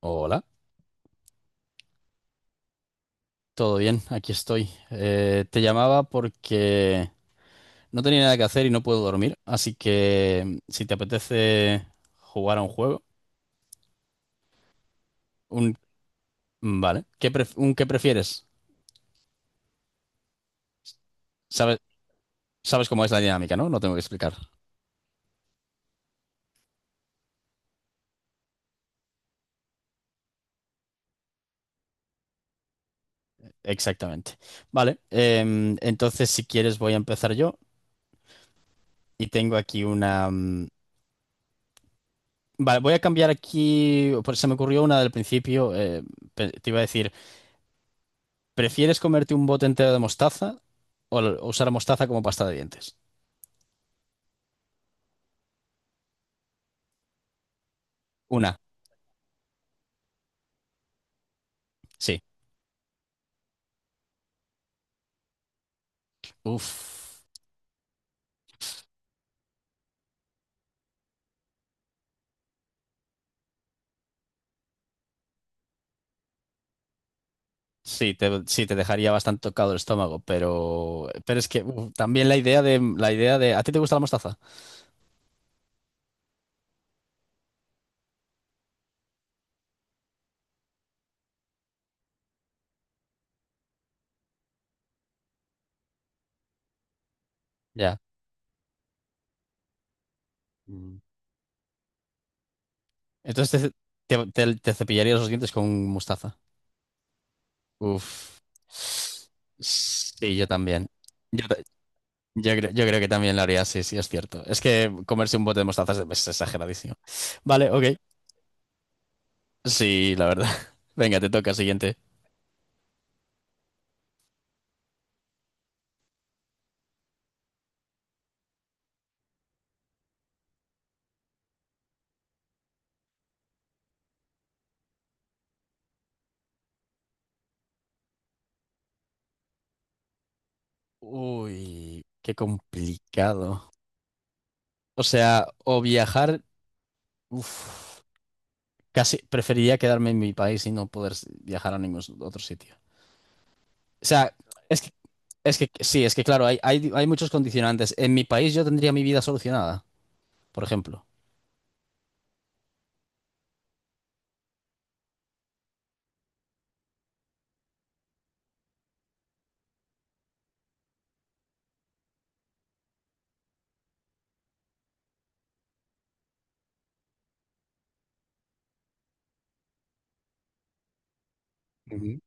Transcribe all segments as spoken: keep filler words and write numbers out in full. Hola, todo bien, aquí estoy. Eh, te llamaba porque no tenía nada que hacer y no puedo dormir, así que mm, si te apetece jugar a un juego, un... mm, Vale, ¿qué pref- un qué prefieres? Sabes, sabes cómo es la dinámica, ¿no? No tengo que explicar. Exactamente. Vale, em, entonces si quieres voy a empezar yo y tengo aquí una... mm, Vale, voy a cambiar aquí, pues se me ocurrió una del principio, eh, pe- te iba a decir... ¿Prefieres comerte un bote entero de mostaza o l- usar mostaza como pasta de dientes? Una, sí. Uf. Sí, te, sí, te dejaría bastante tocado el estómago, pero, pero es que uf, también la idea de la idea de ¿a ti te gusta la mostaza? Ya. Mm. Entonces te, te, te- te cepillarías los dientes con mostaza. Uf. Sí, yo también. Yo, ta- yo creo, yo creo que también lo haría, sí, sí, es cierto. Es que comerse un bote de mostaza es, es exageradísimo. Vale, ok. Sí, la verdad. Venga, te toca, siguiente. Uy, qué complicado. O sea, o viajar, uf, casi preferiría quedarme en mi país y no poder s- viajar a ningún otro sitio. O sea, es que, es que sí, es que claro, hay, hay, hay muchos condicionantes. En mi país yo tendría mi vida solucionada, por ejemplo. Ujú.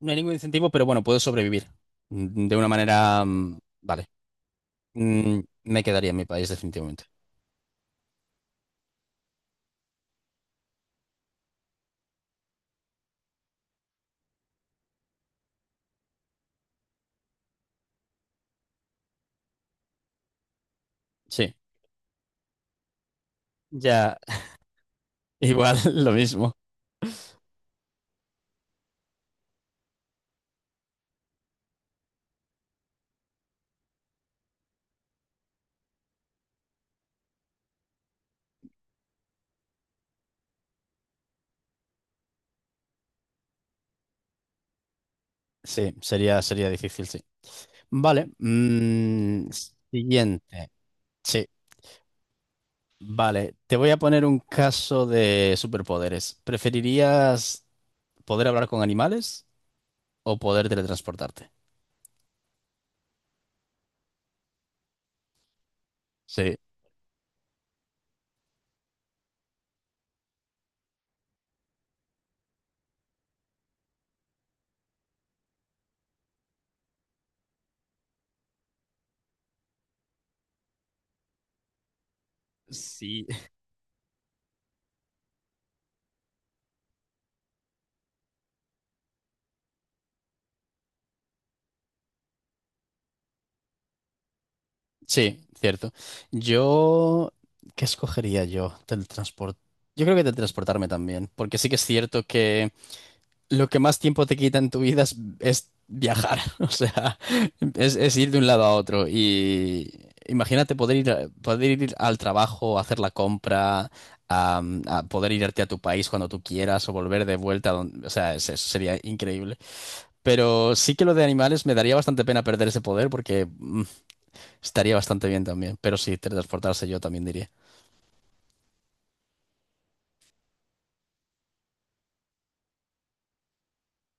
No hay ningún incentivo, pero bueno, puedo sobrevivir mm, de una manera, mm, vale. Mm, Me quedaría en mi país definitivamente. Sí, ya, igual, lo mismo. Sí, sería, sería difícil, sí. Vale. Mm, siguiente. Sí, vale. Te voy a poner un caso de superpoderes. ¿Preferirías poder hablar con animales o poder teletransportarte? Sí, sí, sí, cierto. Yo, ¿qué escogería yo? Teletransport. Yo creo que teletransportarme también, porque sí que es cierto que lo que más tiempo te quita en tu vida es, es viajar, o sea, es, es ir de un lado a otro. Y imagínate poder ir, a- poder ir al trabajo, hacer la compra, a, a poder irte a tu país cuando tú quieras o volver de vuelta, a o sea, es- eso sería increíble. Pero sí que lo de animales me daría bastante pena perder ese poder porque mm, estaría bastante bien también. Pero sí, teletransportarse yo también diría.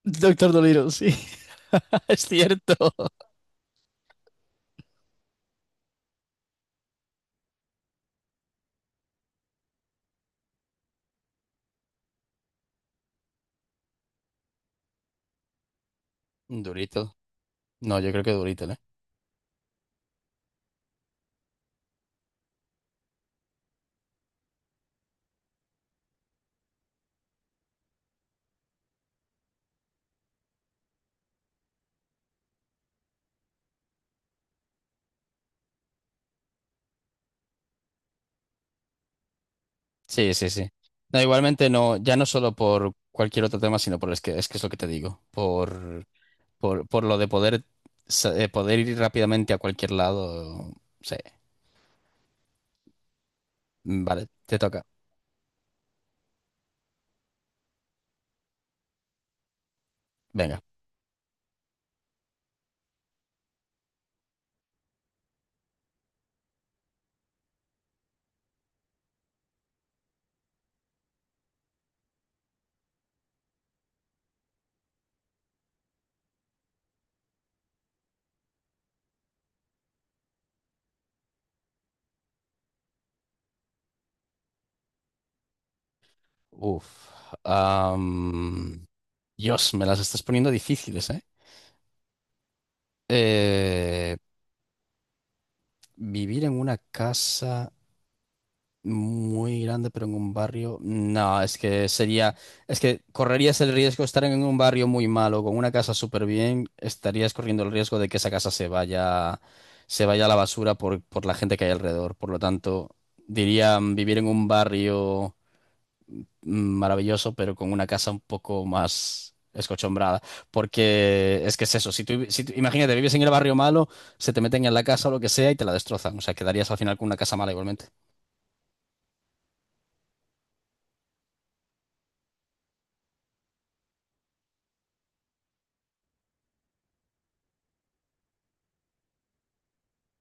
Doctor Dolittle, sí, es cierto. Durito. No, yo creo que Durito, ¿eh? Sí, sí, sí. No, igualmente no, ya no solo por cualquier otro tema, sino por es que es que es lo que te digo, por por, por lo de poder sa- eh, poder ir rápidamente a cualquier lado. Sí. Mm, Vale, te toca. Venga. Uf. Am, Dios, me las estás poniendo difíciles, ¿eh? Eh, Vivir en una casa. Muy grande, pero en un barrio. No, es que sería. Es que correrías el riesgo de estar en un barrio muy malo, con una casa súper bien, estarías corriendo el riesgo de que esa casa se vaya, se vaya a la basura por, por la gente que hay alrededor. Por lo tanto, diría mm, vivir en un barrio mm, maravilloso, pero con una casa un poco más escochombrada. Porque es que es eso. Si tú, si tú- Imagínate, vives en el barrio malo, se te meten en la casa o lo que sea y te la destrozan. O sea, quedarías al final con una casa mala igualmente.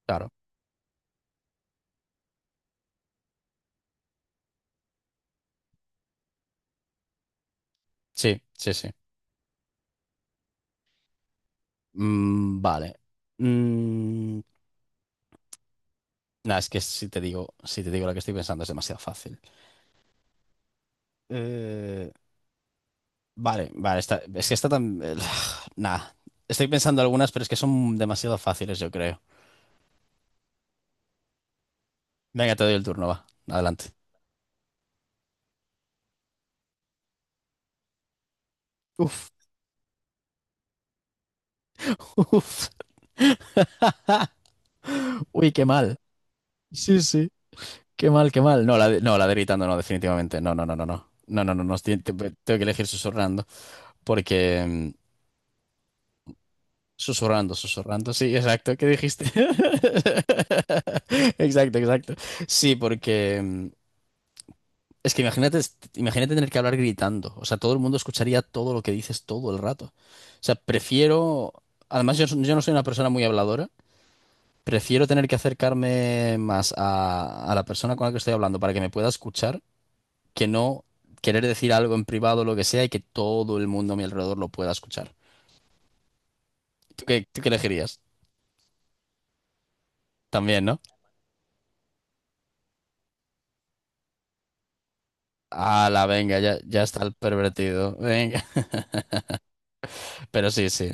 Claro. Sí, sí, sí. Mm, vale. Mm, nah, es que si te digo, si te digo la que estoy pensando es demasiado fácil. Eh, vale, vale, está, es que está tan... Nah, estoy pensando algunas, pero es que son demasiado fáciles, yo creo. Venga, te doy el turno, va. Adelante. Uf, uf. Uy, qué mal. Sí, sí. Qué mal, qué mal. No, la de, no, la de gritando no, definitivamente. No, no, no, no, no. No, no, no, no. Tengo que elegir susurrando porque... mm, Susurrando, susurrando, sí, exacto, ¿qué dijiste? Exacto, exacto. Sí, porque mm, es que imagínate, imagínate tener que hablar gritando, o sea, todo el mundo escucharía todo lo que dices todo el rato. O sea, prefiero, además yo, so- yo no soy una persona muy habladora, prefiero tener que acercarme más a, a la persona con la que estoy hablando para que me pueda escuchar, que no querer decir algo en privado o lo que sea y que todo el mundo a mi alrededor lo pueda escuchar. ¿Tú qué, tú qué elegirías? También, ¿no? Ah, la venga, ya, ya está el pervertido. Venga. Pero sí, sí,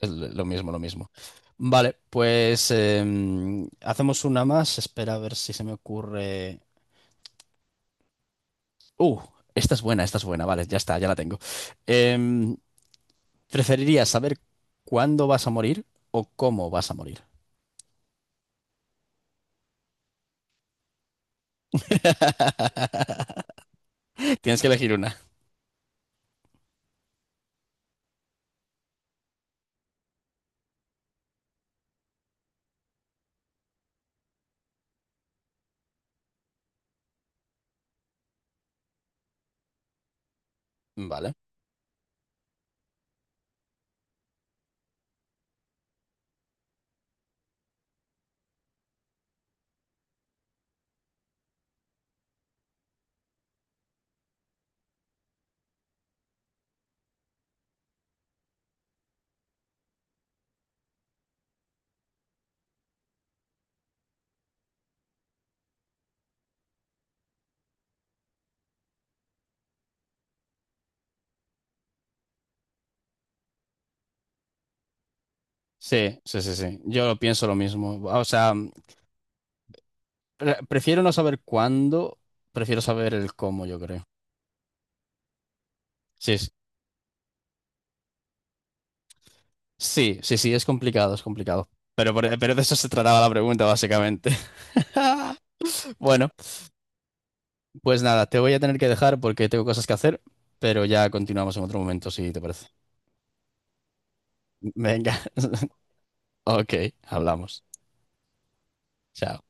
es lo mismo, lo mismo. Vale, pues em, hacemos una más. Espera a ver si se me ocurre. Uh, esta es buena, esta es buena. Vale, ya está, ya la tengo. Em, ¿Preferirías saber cuándo vas a morir o cómo vas a morir? Tienes que elegir una. Vale. Sí, sí, sí, sí. Yo pienso lo mismo. O sea, pre- prefiero no saber cuándo, prefiero saber el cómo, yo creo. Sí, sí. Sí, sí, sí, es complicado, es complicado. Pero, por- pero de eso se trataba la pregunta, básicamente. Bueno, pues nada, te voy a tener que dejar porque tengo cosas que hacer, pero ya continuamos en otro momento, si te parece. Venga, ok, hablamos. Chao.